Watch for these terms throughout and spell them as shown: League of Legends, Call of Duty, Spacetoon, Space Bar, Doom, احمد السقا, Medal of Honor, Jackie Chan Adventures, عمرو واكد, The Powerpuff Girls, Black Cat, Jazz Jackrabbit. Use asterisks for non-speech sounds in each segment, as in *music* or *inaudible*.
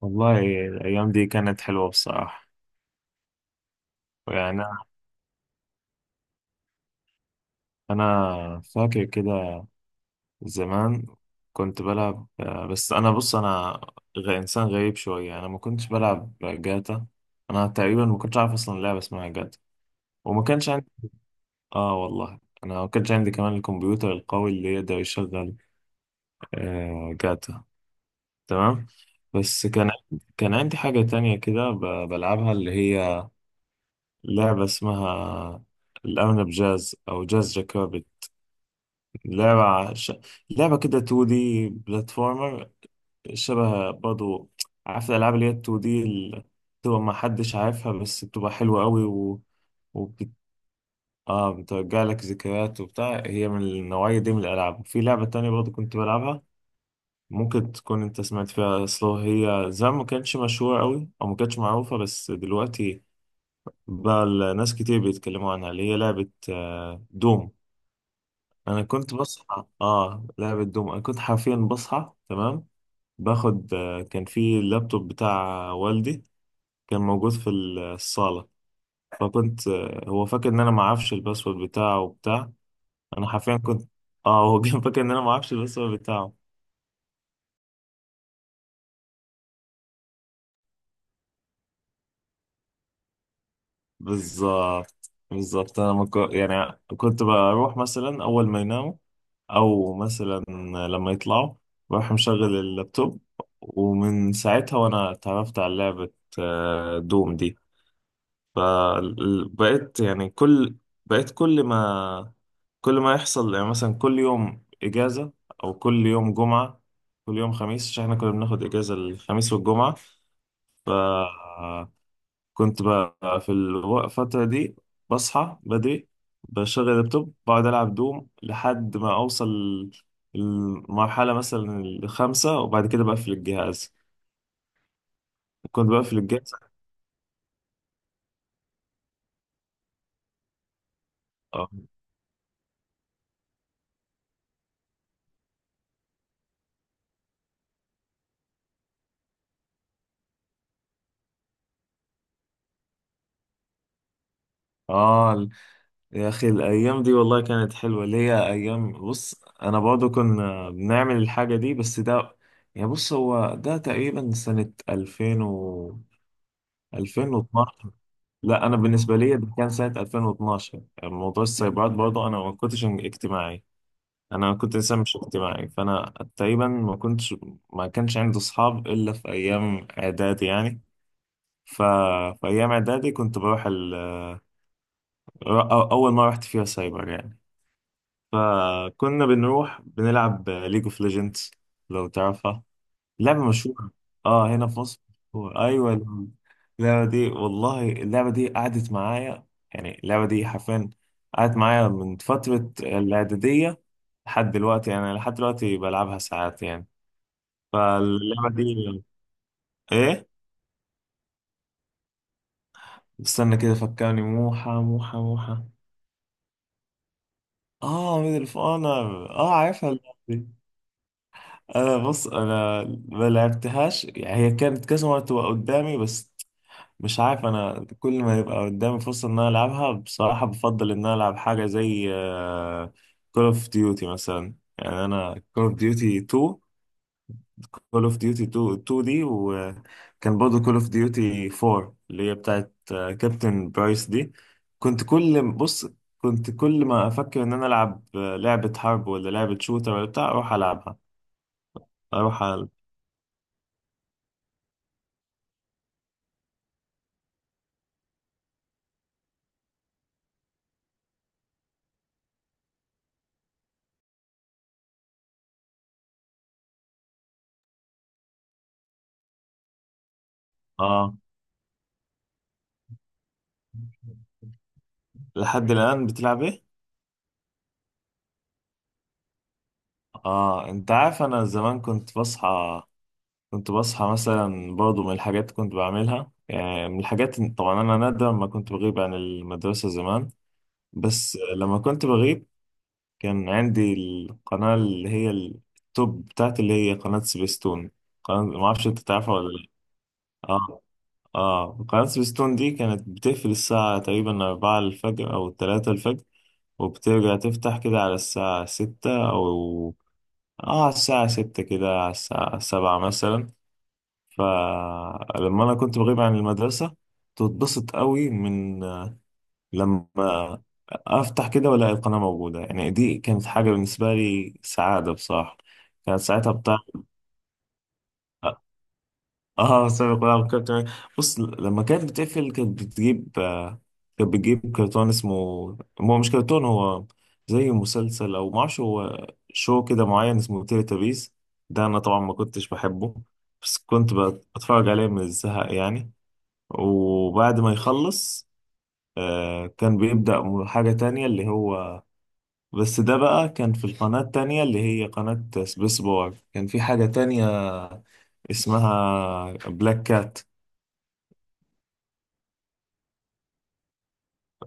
والله، الأيام دي كانت حلوة بصراحة. يعني أنا فاكر كده زمان كنت بلعب بس أنا بص أنا إنسان غريب شوية. أنا ما كنتش بلعب جاتا. أنا تقريبا ما كنتش عارف أصلا لعبة اسمها جاتا وما كانش عندي. آه والله، أنا ما كانش عندي كمان الكمبيوتر القوي اللي يقدر يشغل جاتا. تمام، بس كان كان عندي حاجة تانية كده بلعبها، اللي هي لعبة اسمها الأرنب جاز أو جاز جاكوبيت. لعبة لعبة كده 2D، بلاتفورمر، شبه برضو. عارف الألعاب اللي هي 2D اللي بتبقى ما حدش عارفها بس بتبقى حلوة قوي وبت... آه، بترجع لك ذكريات وبتاع. هي من النوعية دي من الألعاب. في لعبة تانية برضو كنت بلعبها، ممكن تكون أنت سمعت فيها سلو، هي زمان ما كانتش مشهورة قوي أو ما كانتش معروفة بس دلوقتي بقى الناس كتير بيتكلموا عنها، اللي هي لعبة دوم. انا كنت بصحى، اه لعبة دوم انا كنت حرفيا بصحى تمام باخد. كان في اللابتوب بتاع والدي، كان موجود في الصالة. فكنت هو فاكر ان انا ما اعرفش الباسورد بتاعه وبتاع. انا حرفيا كنت، اه هو كان *laughs* فاكر ان انا ما اعرفش الباسورد بتاعه. بالظبط بالظبط، انا ما كو- يعني كنت بروح مثلا اول ما يناموا او مثلا لما يطلعوا بروح مشغل اللابتوب. ومن ساعتها وانا اتعرفت على لعبة دوم دي. فبقيت يعني كل، بقيت كل ما كل ما يحصل يعني مثلا كل يوم إجازة أو كل يوم جمعة كل يوم خميس، عشان احنا كنا بناخد إجازة الخميس والجمعة. فكنت بقى في الفترة دي بصحى بدري، بشغل اللابتوب، بقعد ألعب دوم لحد ما أوصل المرحلة مثلا الخامسة وبعد كده بقفل الجهاز. كنت بقفل الجهاز اه آه. يا أخي الأيام دي والله كانت حلوة، اللي هي أيام بص أنا برضه كنا بنعمل الحاجة دي، بس ده يعني بص هو ده تقريبا سنة 2000 و 2012. لا أنا بالنسبة لي ده كان سنة 2012. موضوع السايبرات برضه أنا ما كنتش اجتماعي. أنا كنت إنسان مش اجتماعي، فأنا تقريبا ما كنتش ما كانش عندي أصحاب إلا في أيام إعدادي يعني. ف... في أيام إعدادي كنت بروح أول مرة رحت فيها سايبر يعني، فكنا بنروح بنلعب ليج اوف ليجندز، لو تعرفها. لعبة مشهورة اه هنا في مصر. مشهورة. ايوه، اللعبة دي والله اللعبة دي قعدت معايا، يعني اللعبة دي حرفيا قعدت معايا من فترة الإعدادية لحد دلوقتي، يعني لحد دلوقتي بلعبها ساعات يعني. فاللعبة دي، ايه، استنى كده فكرني، موحى موحى موحى، اه ميدل اوف اونر، اه عارفها اللعبة دي. انا بص انا ما لعبتهاش يعني، هي كانت كذا مرة تبقى قدامي بس مش عارف، انا كل ما يبقى قدامي فرصة ان انا العبها بصراحة بفضل ان انا العب حاجة زي كول اوف ديوتي مثلا. يعني انا كول اوف ديوتي 2، كول اوف ديوتي 2 دي، وكان برضه كول اوف ديوتي 4 اللي هي بتاعت كابتن برايس دي. كنت كل بص، كنت كل ما افكر ان انا العب لعبة حرب ولا لعبة شوتر ولا بتاع اروح العبها اروح ألعب. آه. لحد الآن بتلعب إيه؟ آه أنت عارف أنا زمان كنت بصحى، كنت بصحى مثلا برضه من الحاجات كنت بعملها، يعني من الحاجات طبعا أنا نادرا ما كنت بغيب عن المدرسة زمان، بس لما كنت بغيب كان عندي القناة اللي هي التوب بتاعتي اللي هي قناة سبيستون. قناة ما أعرفش أنت تعرفها ولا لأ. آه، آه قناة سبيستون دي كانت بتقفل الساعة تقريبا أربعة الفجر أو تلاتة الفجر، وبترجع تفتح كده على الساعة ستة أو، اه على الساعة ستة كده على الساعة سبعة مثلا. فلما أنا كنت بغيب عن المدرسة تتبسط قوي من لما أفتح كده وألاقي القناة موجودة، يعني دي كانت حاجة بالنسبة لي سعادة بصراحة. كانت ساعتها بتاع، اه سابق ولعب كابتن. بص لما كانت بتقفل كانت بتجيب كانت بتجيب كرتون اسمه، هو مش كرتون هو زي مسلسل او ما اعرفش هو شو كده معين اسمه تيلي. ده انا طبعا ما كنتش بحبه بس كنت بتفرج عليه من الزهق يعني. وبعد ما يخلص كان بيبدأ حاجة تانية اللي هو، بس ده بقى كان في القناة التانية اللي هي قناة سبيس بار، كان في حاجة تانية اسمها بلاك كات.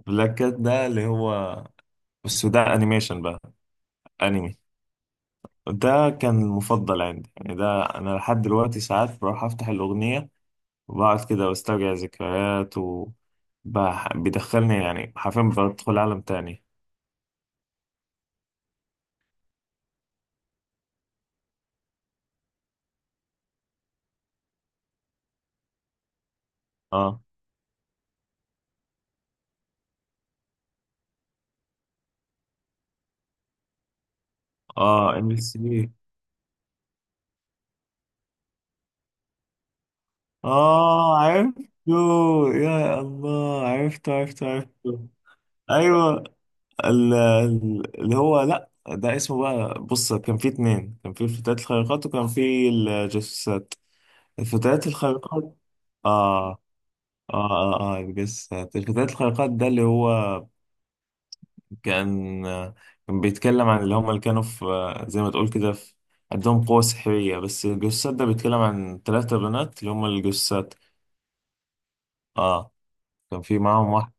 بلاك كات ده اللي هو، بس ده انيميشن بقى، انمي. ده كان المفضل عندي، يعني ده انا لحد دلوقتي ساعات بروح افتح الاغنيه وبقعد كده واسترجع ذكريات و بيدخلني، يعني حرفيا بدخل عالم تاني. اه، اه ام سي. اه عرفته، يا الله عرفته عرفته عرفته. ايوه اللي هو، لا ده اسمه بقى، بص كان في اتنين، كان في الفتيات الخارقات وكان في الجاسوسات. الفتيات الخارقات، آه آه آه آه يعني، بس الفتيات الخارقات ده اللي هو كان كان بيتكلم عن اللي هم اللي كانوا في، زي ما تقول كده في عندهم قوة سحرية، بس الجثات ده بيتكلم عن ثلاثة بنات اللي هم الجثات. آه. كان في معاهم واحد.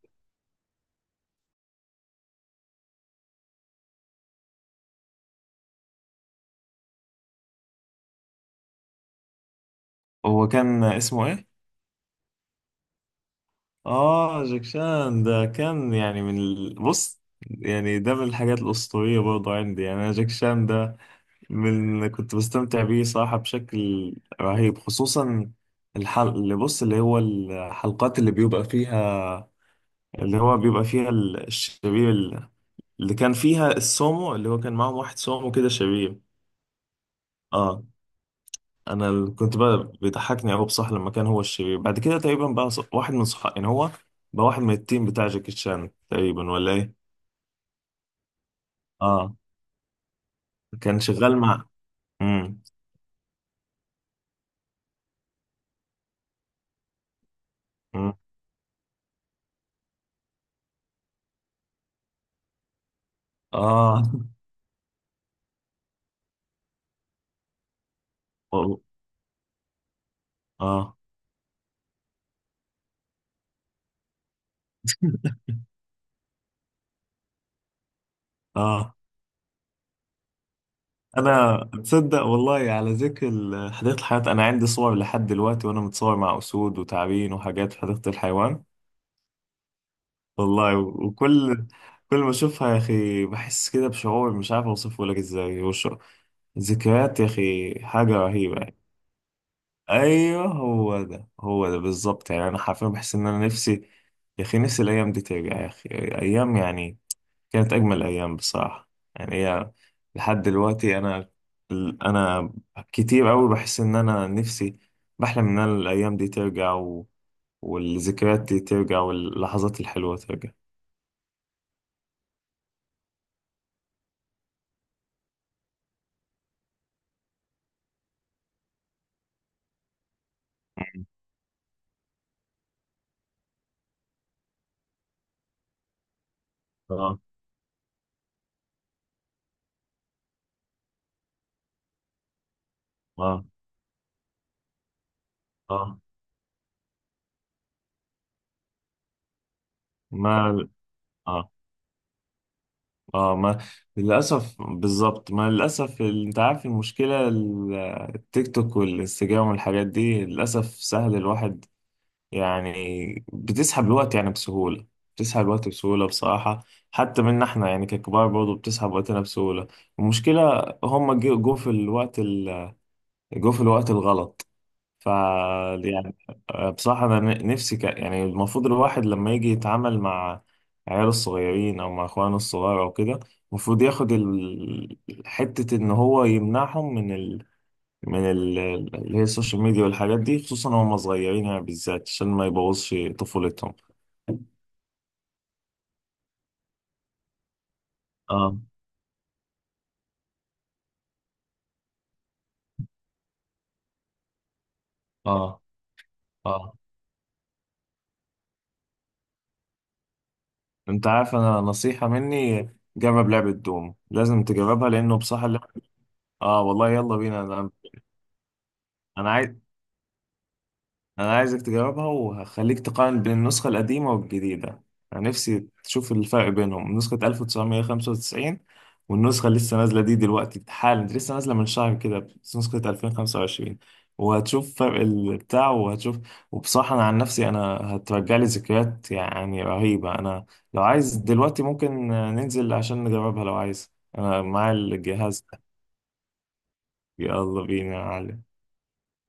هو كان اسمه إيه؟ آه جاكشان ده كان يعني من بص يعني ده من الحاجات الأسطورية برضه عندي، يعني أنا جاكشان ده من اللي كنت بستمتع بيه صراحة بشكل رهيب، خصوصا الحل اللي بص اللي هو الحلقات اللي بيبقى فيها اللي هو بيبقى فيها الشرير، اللي كان فيها السومو اللي هو كان معاهم واحد سومو كده شرير. اه، انا كنت بقى بيضحكني قوي بصح لما كان هو الشرير بعد كده تقريبا بقى واحد من صحابي، يعني هو بقى واحد من التيم بتاع جاكي شان تقريبا ولا ايه. اه كان شغال مع. امم. اه *laughs* والله. اه. اه انا تصدق والله، على ذكر حديقة الحيوان، انا عندي صور لحد دلوقتي وانا متصور مع اسود وتعابين وحاجات في حديقة الحيوان والله، وكل كل ما اشوفها يا اخي بحس كده بشعور مش عارف اوصفه لك ازاي وش. ذكريات يا اخي حاجة رهيبة يعني. ايوه هو ده هو ده بالظبط، يعني انا حرفيا بحس ان انا نفسي يا اخي، نفسي الايام دي ترجع يا اخي. ايام يعني كانت أجمل أيام بصراحة. يعني هي لحد دلوقتي أنا أنا كتير أوي بحس إن أنا نفسي، بحلم إن أنا الأيام دي ترجع والذكريات دي ترجع واللحظات الحلوة ترجع. آه. آه آه ما، آه آه ما للأسف. بالظبط، ما للأسف أنت عارف المشكلة التيك توك والإنستجرام والحاجات دي للأسف سهل الواحد، يعني بتسحب الوقت يعني بسهولة. بتسحب الوقت بسهولة بصراحة، حتى منا احنا يعني ككبار برضه بتسحب وقتنا بسهولة. المشكلة هم جو في الوقت جو في الوقت الغلط. ف، يعني بصراحة أنا نفسي يعني المفروض الواحد لما يجي يتعامل مع عياله الصغيرين أو مع إخوانه الصغار أو كده المفروض ياخد حتة إن هو يمنعهم من من اللي هي السوشيال ميديا والحاجات دي، خصوصا وهم صغيرين يعني بالذات عشان ما يبوظش طفولتهم. اه. اه. اه انت عارف انا نصيحة مني، جرب لعبة دوم لازم تجربها لانه بصراحة اللعبة. اه والله يلا بينا، انا انا عايز، انا عايزك تجربها وهخليك تقارن بين النسخة القديمة والجديدة. انا نفسي تشوف الفرق بينهم، نسخة 1995 والنسخة اللي لسه نازلة دي دلوقتي حالا، دي لسه نازلة من شهر كده، نسخة 2025. وهتشوف فرق البتاع وهتشوف، وبصراحة أنا عن نفسي أنا هترجع لي ذكريات يعني رهيبة. أنا لو عايز دلوقتي ممكن ننزل عشان نجربها لو عايز، أنا معايا الجهاز ده. يلا بينا يا معلم.